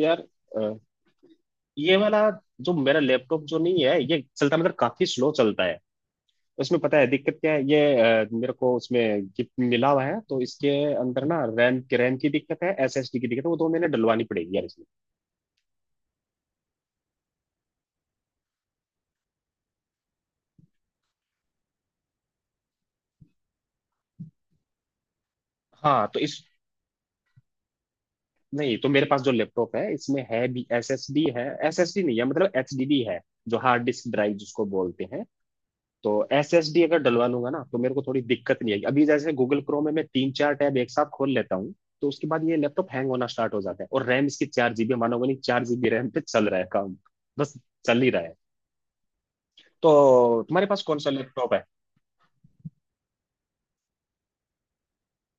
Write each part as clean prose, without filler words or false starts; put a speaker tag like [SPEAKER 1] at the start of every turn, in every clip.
[SPEAKER 1] यार, अ, ये वाला जो मेरा लैपटॉप जो नहीं है ये चलता मतलब काफी स्लो चलता है। उसमें पता है दिक्कत क्या है? ये मेरे को उसमें गिफ्ट मिला हुआ है तो इसके अंदर ना रैम की दिक्कत है, एसएसडी की दिक्कत है। वो तो मैंने डलवानी पड़ेगी यार इसमें। हाँ तो इस। नहीं तो मेरे पास जो लैपटॉप है इसमें है भी एसएसडी नहीं है मतलब एचडीडी है, जो हार्ड डिस्क ड्राइव जिसको बोलते हैं। तो एसएसडी अगर डलवा लूंगा ना तो मेरे को थोड़ी दिक्कत नहीं आएगी। अभी जैसे गूगल क्रोम में मैं तीन चार टैब एक साथ खोल लेता हूँ तो उसके बाद ये लैपटॉप हैंग होना स्टार्ट हो जाता है। और रैम इसकी 4 जीबी, मानोगे नहीं, 4 जीबी रैम पे चल रहा है काम। बस चल ही रहा है। तो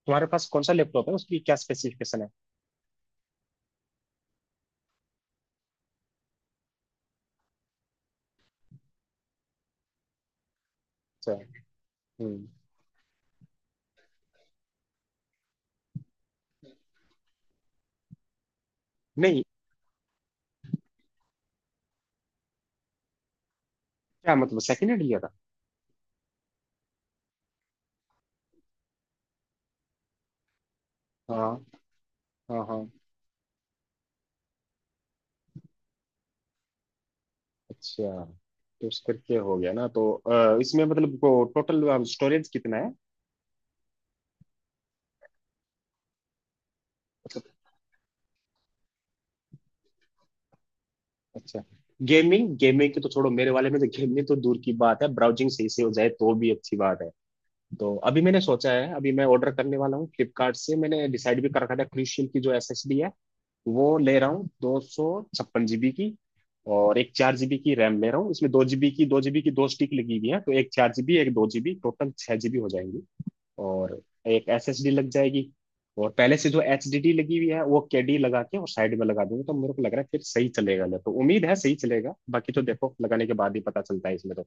[SPEAKER 1] तुम्हारे पास कौन सा लैपटॉप है, उसकी क्या स्पेसिफिकेशन है? अच्छा। हम्म। नहीं, क्या मतलब सेकेंड हैंड लिया था? हाँ, हाँ, हाँ। अच्छा, तो उस करके हो गया ना। तो इसमें मतलब टोटल स्टोरेज कितना है? अच्छा। गेमिंग, गेमिंग की तो छोड़ो, मेरे वाले में तो गेमिंग तो दूर की बात है, ब्राउजिंग सही से हो जाए तो भी अच्छी बात है। तो अभी मैंने सोचा है, अभी मैं ऑर्डर करने वाला हूँ फ्लिपकार्ट से। मैंने डिसाइड भी कर रखा था, क्रूशियल की जो एसएसडी है वो ले रहा हूँ, 256 जीबी की। और एक 4 जीबी की रैम ले रहा हूँ। इसमें दो जीबी की दो स्टिक लगी हुई है, तो एक 4 जीबी एक 2 जीबी टोटल 6 जीबी हो जाएंगी। और एक एसएसडी लग जाएगी। और पहले से जो एचडीडी लगी हुई है वो केडी लगा के और साइड में लगा दूंगा। तो मेरे को लग रहा है फिर सही चलेगा। ले तो उम्मीद है सही चलेगा, बाकी तो देखो लगाने के बाद ही पता चलता है इसमें तो।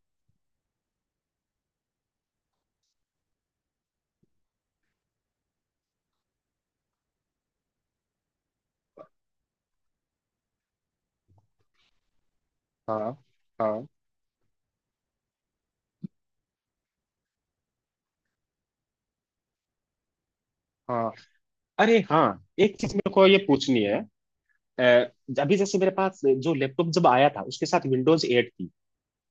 [SPEAKER 1] हाँ, हाँ, हाँ। अरे हाँ, एक चीज मेरे को ये पूछनी है। अ, अभी जैसे मेरे पास जो लैपटॉप जब आया था उसके साथ विंडोज 8 थी,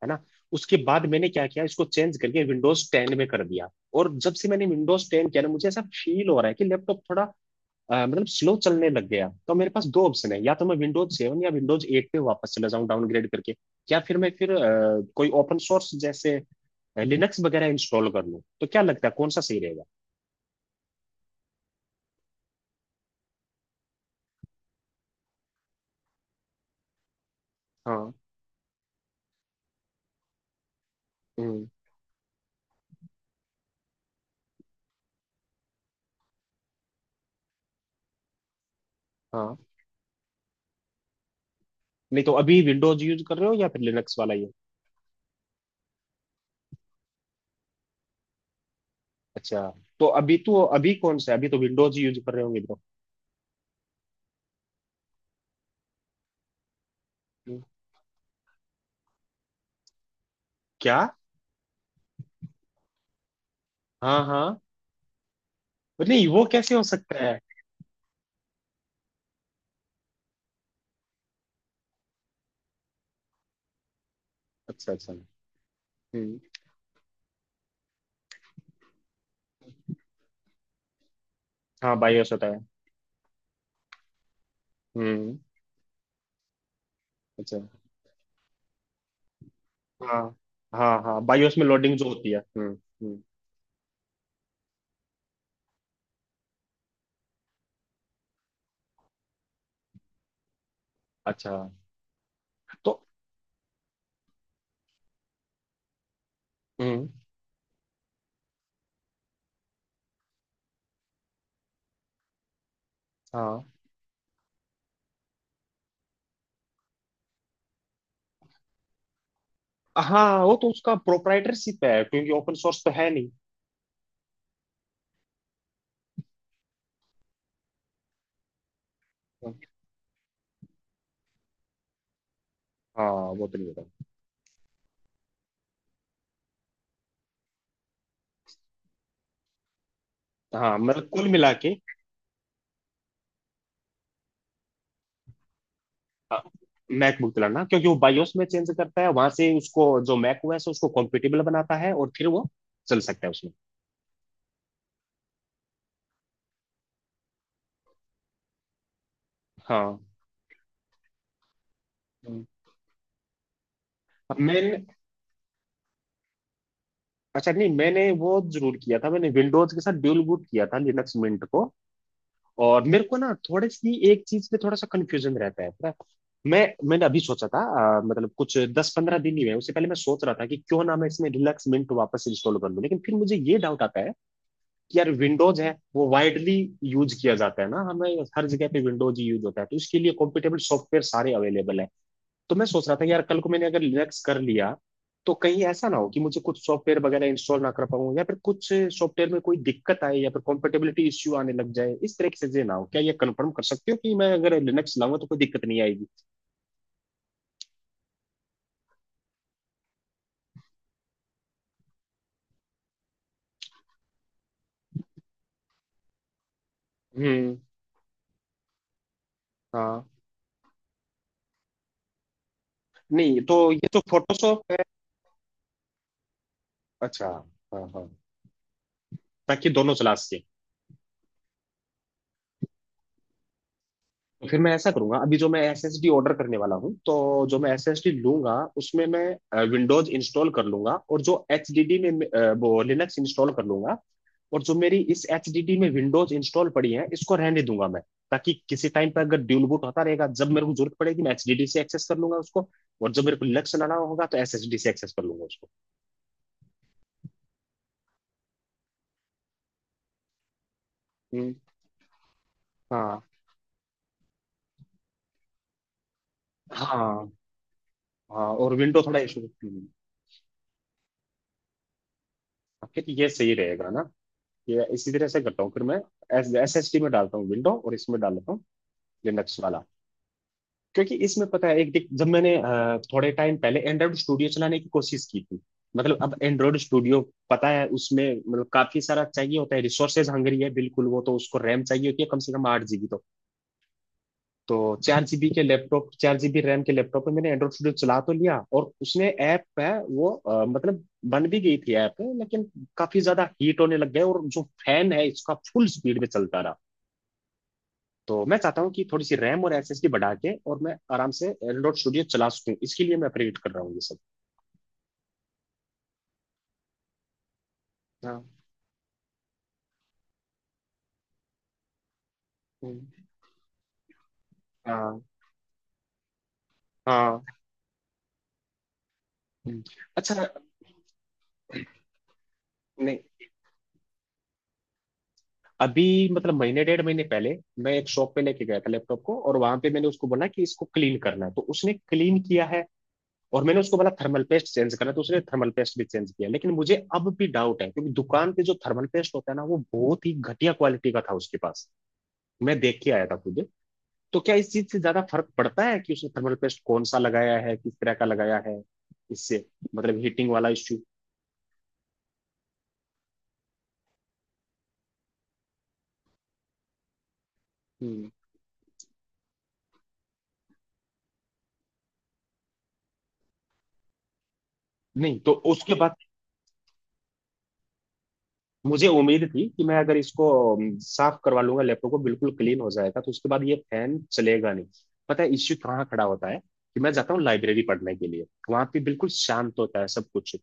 [SPEAKER 1] है ना? उसके बाद मैंने क्या किया, इसको चेंज करके विंडोज 10 में कर दिया। और जब से मैंने विंडोज 10 किया ना, मुझे ऐसा फील हो रहा है कि लैपटॉप थोड़ा मतलब स्लो चलने लग गया। तो मेरे पास दो ऑप्शन है, या तो मैं विंडोज सेवन या विंडोज एट पे वापस चला जाऊं डाउनग्रेड करके, या फिर मैं कोई ओपन सोर्स जैसे लिनक्स वगैरह इंस्टॉल कर लूं। तो क्या लगता है, कौन सा सही रहेगा? हाँ। हम्म। हाँ। नहीं तो अभी विंडोज यूज कर रहे हो या फिर लिनक्स वाला ये? अच्छा, तो अभी कौन सा है, अभी तो विंडोज यूज कर रहे होंगे ब्रो। हम्म, क्या? हाँ, हाँ। नहीं, वो कैसे हो सकता है? अच्छा, अच्छा। हम्म। हाँ, बायोस होता है। हम्म। अच्छा। हाँ। हाँ, हाँ, बायोस में लोडिंग जो होती है। हम्म, हम्म। अच्छा। तो। हम्म। हाँ, हाँ, वो तो उसका प्रोप्राइटरशिप है क्योंकि ओपन सोर्स तो है नहीं। हाँ, वो तो नहीं होता। हाँ, मतलब कुल मिला के मैकबुक दिलाना, क्योंकि वो बायोस में चेंज करता है, वहां से उसको जो मैक ओएस है उसको कॉम्पिटेबल बनाता है और फिर वो चल सकता है उसमें। हाँ। हम्म। मैंने अच्छा, नहीं मैंने वो जरूर किया था, मैंने विंडोज के साथ ड्यूल बूट किया था लिनक्स मिंट को। और मेरे को ना थोड़ी सी एक चीज पे थोड़ा सा कंफ्यूजन रहता है, पता है? मैंने अभी सोचा था, मतलब कुछ 10-15 दिन ही हुए। उससे पहले मैं सोच रहा था कि क्यों ना मैं इसमें रिलैक्स मिंट वापस इंस्टॉल कर लूं। लेकिन फिर मुझे ये डाउट आता है कि यार विंडोज है वो वाइडली यूज किया जाता है ना, हमें हर जगह पे विंडोज ही यूज होता है, तो इसके लिए कॉम्पिटेबल सॉफ्टवेयर सारे अवेलेबल है। तो मैं सोच रहा था कि यार कल को मैंने अगर लिनक्स कर लिया तो कहीं ऐसा ना हो कि मुझे कुछ सॉफ्टवेयर वगैरह इंस्टॉल ना कर पाऊँ, या फिर कुछ सॉफ्टवेयर में कोई दिक्कत आए, या फिर कॉम्पेटेबिलिटी इश्यू आने लग जाए, इस तरह की चीजें ना हो। क्या ये कंफर्म कर सकते हो कि मैं अगर लिनक्स लाऊंगा तो कोई दिक्कत नहीं आएगी? हम्म। हाँ। नहीं तो ये तो फोटोशॉप है। अच्छा। हाँ, हाँ, ताकि दोनों चला सके। तो फिर मैं ऐसा करूंगा, अभी जो मैं एसएसडी ऑर्डर करने वाला हूँ तो जो मैं एसएसडी लूंगा उसमें मैं विंडोज इंस्टॉल कर लूंगा, और जो एचडीडी में मैं, वो लिनक्स इंस्टॉल कर लूंगा। और जो मेरी इस एच डी डी में विंडोज इंस्टॉल पड़ी है इसको रहने दूंगा मैं, ताकि किसी टाइम पर अगर ड्यूल बूट होता रहेगा, जब मेरे को जरूरत पड़ेगी मैं एचडीडी से एक्सेस कर लूंगा उसको, और जब मेरे को लिनक्स चलाना होगा तो एसएसडी से एक्सेस कर लूंगा उसको। हम्म। हाँ, हाँ, हाँ। और विंडो थोड़ा इशू। फिर ये सही रहेगा ना, ये इसी तरह से करता हूँ फिर मैं, एस एस डी में डालता हूँ विंडो और इसमें डालता हूँ लिनक्स वाला। क्योंकि इसमें पता है एक जब मैंने थोड़े टाइम पहले एंड्रॉइड स्टूडियो चलाने की कोशिश की थी, मतलब अब एंड्रॉइड स्टूडियो, पता है उसमें मतलब काफी सारा चाहिए होता है, रिसोर्सेज हंग्री है बिल्कुल वो तो, उसको रैम चाहिए होती है कम से कम 8 जीबी। तो 4 जीबी के लैपटॉप, 4 जीबी रैम के लैपटॉप में मैंने एंड्रॉइड स्टूडियो चला तो लिया और उसने ऐप है वो मतलब बन भी गई थी ऐप, लेकिन काफी ज्यादा हीट होने लग गए और जो फैन है इसका फुल स्पीड में चलता रहा। तो मैं चाहता हूँ कि थोड़ी सी रैम और एसएसडी बढ़ा के और मैं आराम से एंड्रॉइड स्टूडियो चला सकूँ, इसके लिए मैं अपग्रेड कर रहा हूँ ये सब। हाँ। हम्म। हाँ, हाँ। हम्म। अच्छा। नहीं, अभी मतलब महीने डेढ़ महीने पहले मैं एक शॉप पे लेके गया था लैपटॉप को, और वहां पे मैंने उसको बोला कि इसको क्लीन करना है तो उसने क्लीन किया है। और मैंने उसको बोला थर्मल पेस्ट चेंज करना है तो उसने थर्मल पेस्ट भी चेंज किया, लेकिन मुझे अब भी डाउट है क्योंकि दुकान पे जो थर्मल पेस्ट होता है ना वो बहुत ही घटिया क्वालिटी का था उसके पास। मैं देख के आया था खुद। तो क्या इस चीज से ज्यादा फर्क पड़ता है कि उसने थर्मल पेस्ट कौन सा लगाया है, किस तरह का लगाया है, इससे मतलब हीटिंग वाला इश्यू? हम्म। नहीं तो उसके बाद मुझे उम्मीद थी कि मैं अगर इसको साफ करवा लूंगा लैपटॉप को, बिल्कुल क्लीन हो जाएगा, तो उसके बाद ये फैन चलेगा नहीं। पता है इश्यू कहाँ खड़ा होता है, कि मैं जाता हूँ लाइब्रेरी पढ़ने के लिए, वहां पे बिल्कुल शांत होता है सब कुछ।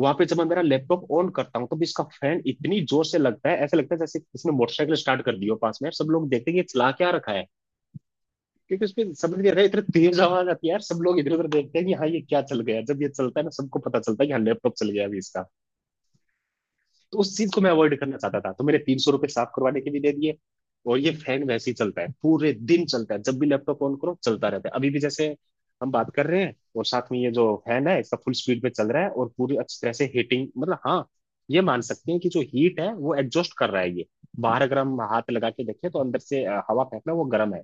[SPEAKER 1] वहां पे जब मैं मेरा लैपटॉप ऑन करता हूँ तब इसका फैन इतनी जोर से लगता है, ऐसा लगता है जैसे किसी ने मोटरसाइकिल स्टार्ट कर दी हो पास में, सब लोग देखते हैं कि ये चला क्या रखा है। क्योंकि उसमें समझ नहीं आ रहा है, इतना तेज आवाज आती है यार, सब लोग इधर उधर देखते हैं कि हाँ ये क्या चल गया। जब ये चलता है ना सबको पता चलता है कि हाँ लैपटॉप चल गया अभी इसका। तो उस चीज को मैं अवॉइड करना चाहता था, तो मैंने 300 रुपये साफ करवाने के भी दे दिए। और ये फैन वैसे ही चलता है, पूरे दिन चलता है, जब भी लैपटॉप ऑन करो चलता रहता है, अभी भी जैसे हम बात कर रहे हैं और साथ में ये जो फैन है इसका फुल स्पीड पे चल रहा है। और पूरी अच्छी तरह से हीटिंग, मतलब हाँ, ये मान सकते हैं कि जो हीट है वो एग्जॉस्ट कर रहा है ये बाहर। अगर हम हाथ लगा के देखें तो अंदर से हवा फेंकना वो गर्म है।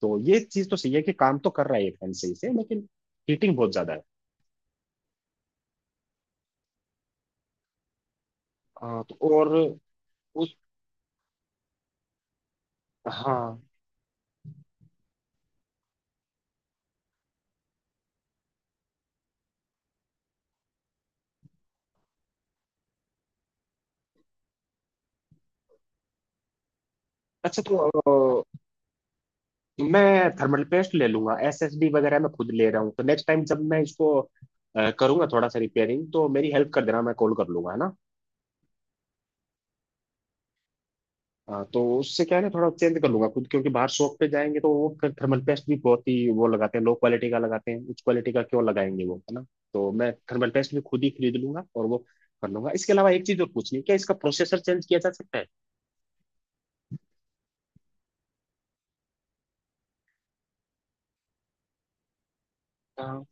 [SPEAKER 1] तो ये चीज तो सही है कि काम तो कर रहा है ये फैन सही से, लेकिन हीटिंग बहुत ज्यादा है। हाँ, तो और उस। हाँ। अच्छा, तो अ, मैं थर्मल पेस्ट ले लूंगा, एसएसडी वगैरह मैं खुद ले रहा हूँ, तो नेक्स्ट टाइम जब मैं इसको करूंगा थोड़ा सा रिपेयरिंग, तो मेरी हेल्प कर देना, मैं कॉल कर लूंगा, है ना? हाँ, तो उससे क्या है ना, थोड़ा चेंज कर लूंगा खुद, क्योंकि बाहर शॉप पे जाएंगे तो वो थर्मल पेस्ट भी बहुत ही वो लगाते हैं, लो क्वालिटी का लगाते हैं, उच्च क्वालिटी का क्यों लगाएंगे वो, है ना? तो मैं थर्मल पेस्ट भी खुद ही खरीद लूंगा और वो कर लूंगा। इसके अलावा एक चीज और पूछनी है, क्या इसका प्रोसेसर चेंज किया जा सकता है?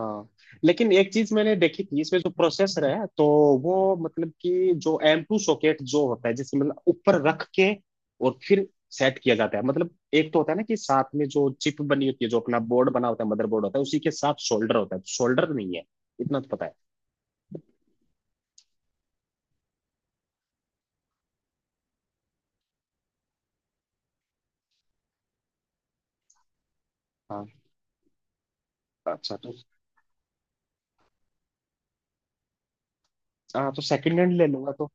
[SPEAKER 1] हाँ, लेकिन एक चीज मैंने देखी थी, इसमें जो प्रोसेसर है, तो वो मतलब कि जो एम टू सॉकेट जो होता है, जिसे मतलब ऊपर रख के और फिर सेट किया जाता है, मतलब एक तो होता है ना कि साथ में जो चिप बनी होती है, जो अपना बोर्ड बना होता है, मदरबोर्ड होता है उसी के साथ शोल्डर होता है, शोल्डर नहीं है, इतना तो पता है। हाँ। अच्छा। तो हाँ, तो सेकंड हैंड ले लूंगा तो।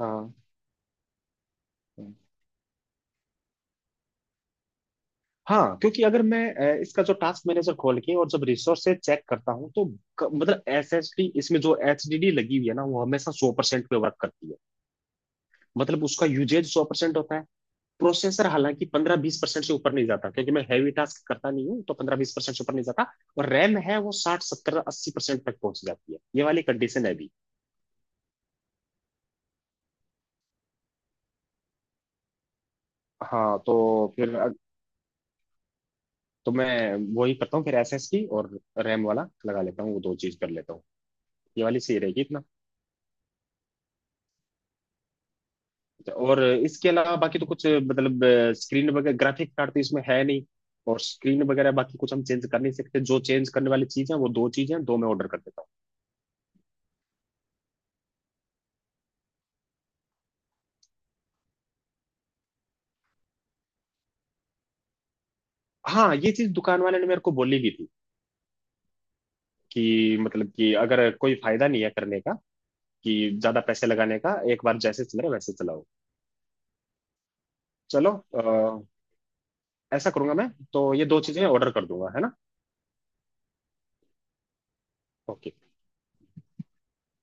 [SPEAKER 1] हाँ, हाँ। क्योंकि अगर मैं इसका जो टास्क मैनेजर खोल के और जब रिसोर्सेज चेक करता हूँ तो मतलब एस एस डी, इसमें जो एच डी डी लगी हुई है ना वो हमेशा 100% पे वर्क करती है, मतलब उसका यूजेज 100% होता है। प्रोसेसर हालांकि 15-20% से ऊपर नहीं जाता, क्योंकि मैं हैवी टास्क करता नहीं हूँ, तो 15-20% से ऊपर नहीं जाता। और रैम है वो साठ सत्तर अस्सी परसेंट तक पहुंच जाती है, ये वाली कंडीशन है अभी। हाँ, तो फिर तो मैं वही करता हूँ, फिर एसएसडी और रैम वाला लगा लेता हूँ, वो दो चीज कर लेता हूँ, ये वाली सही रहेगी इतना। और इसके अलावा बाकी तो कुछ मतलब स्क्रीन वगैरह, ग्राफिक कार्ड तो इसमें है नहीं, और स्क्रीन वगैरह बाकी कुछ हम चेंज कर नहीं सकते, जो चेंज करने वाली चीज है वो दो चीजें हैं, दो मैं ऑर्डर कर देता हूँ। हाँ, ये चीज दुकान वाले ने मेरे को बोली भी थी, कि मतलब कि अगर कोई फायदा नहीं है करने का, कि ज्यादा पैसे लगाने का, एक बार जैसे चल रहा है वैसे चलाओ। चलो, ऐसा करूंगा मैं, तो ये दो चीजें ऑर्डर कर दूंगा, है ना? ओके।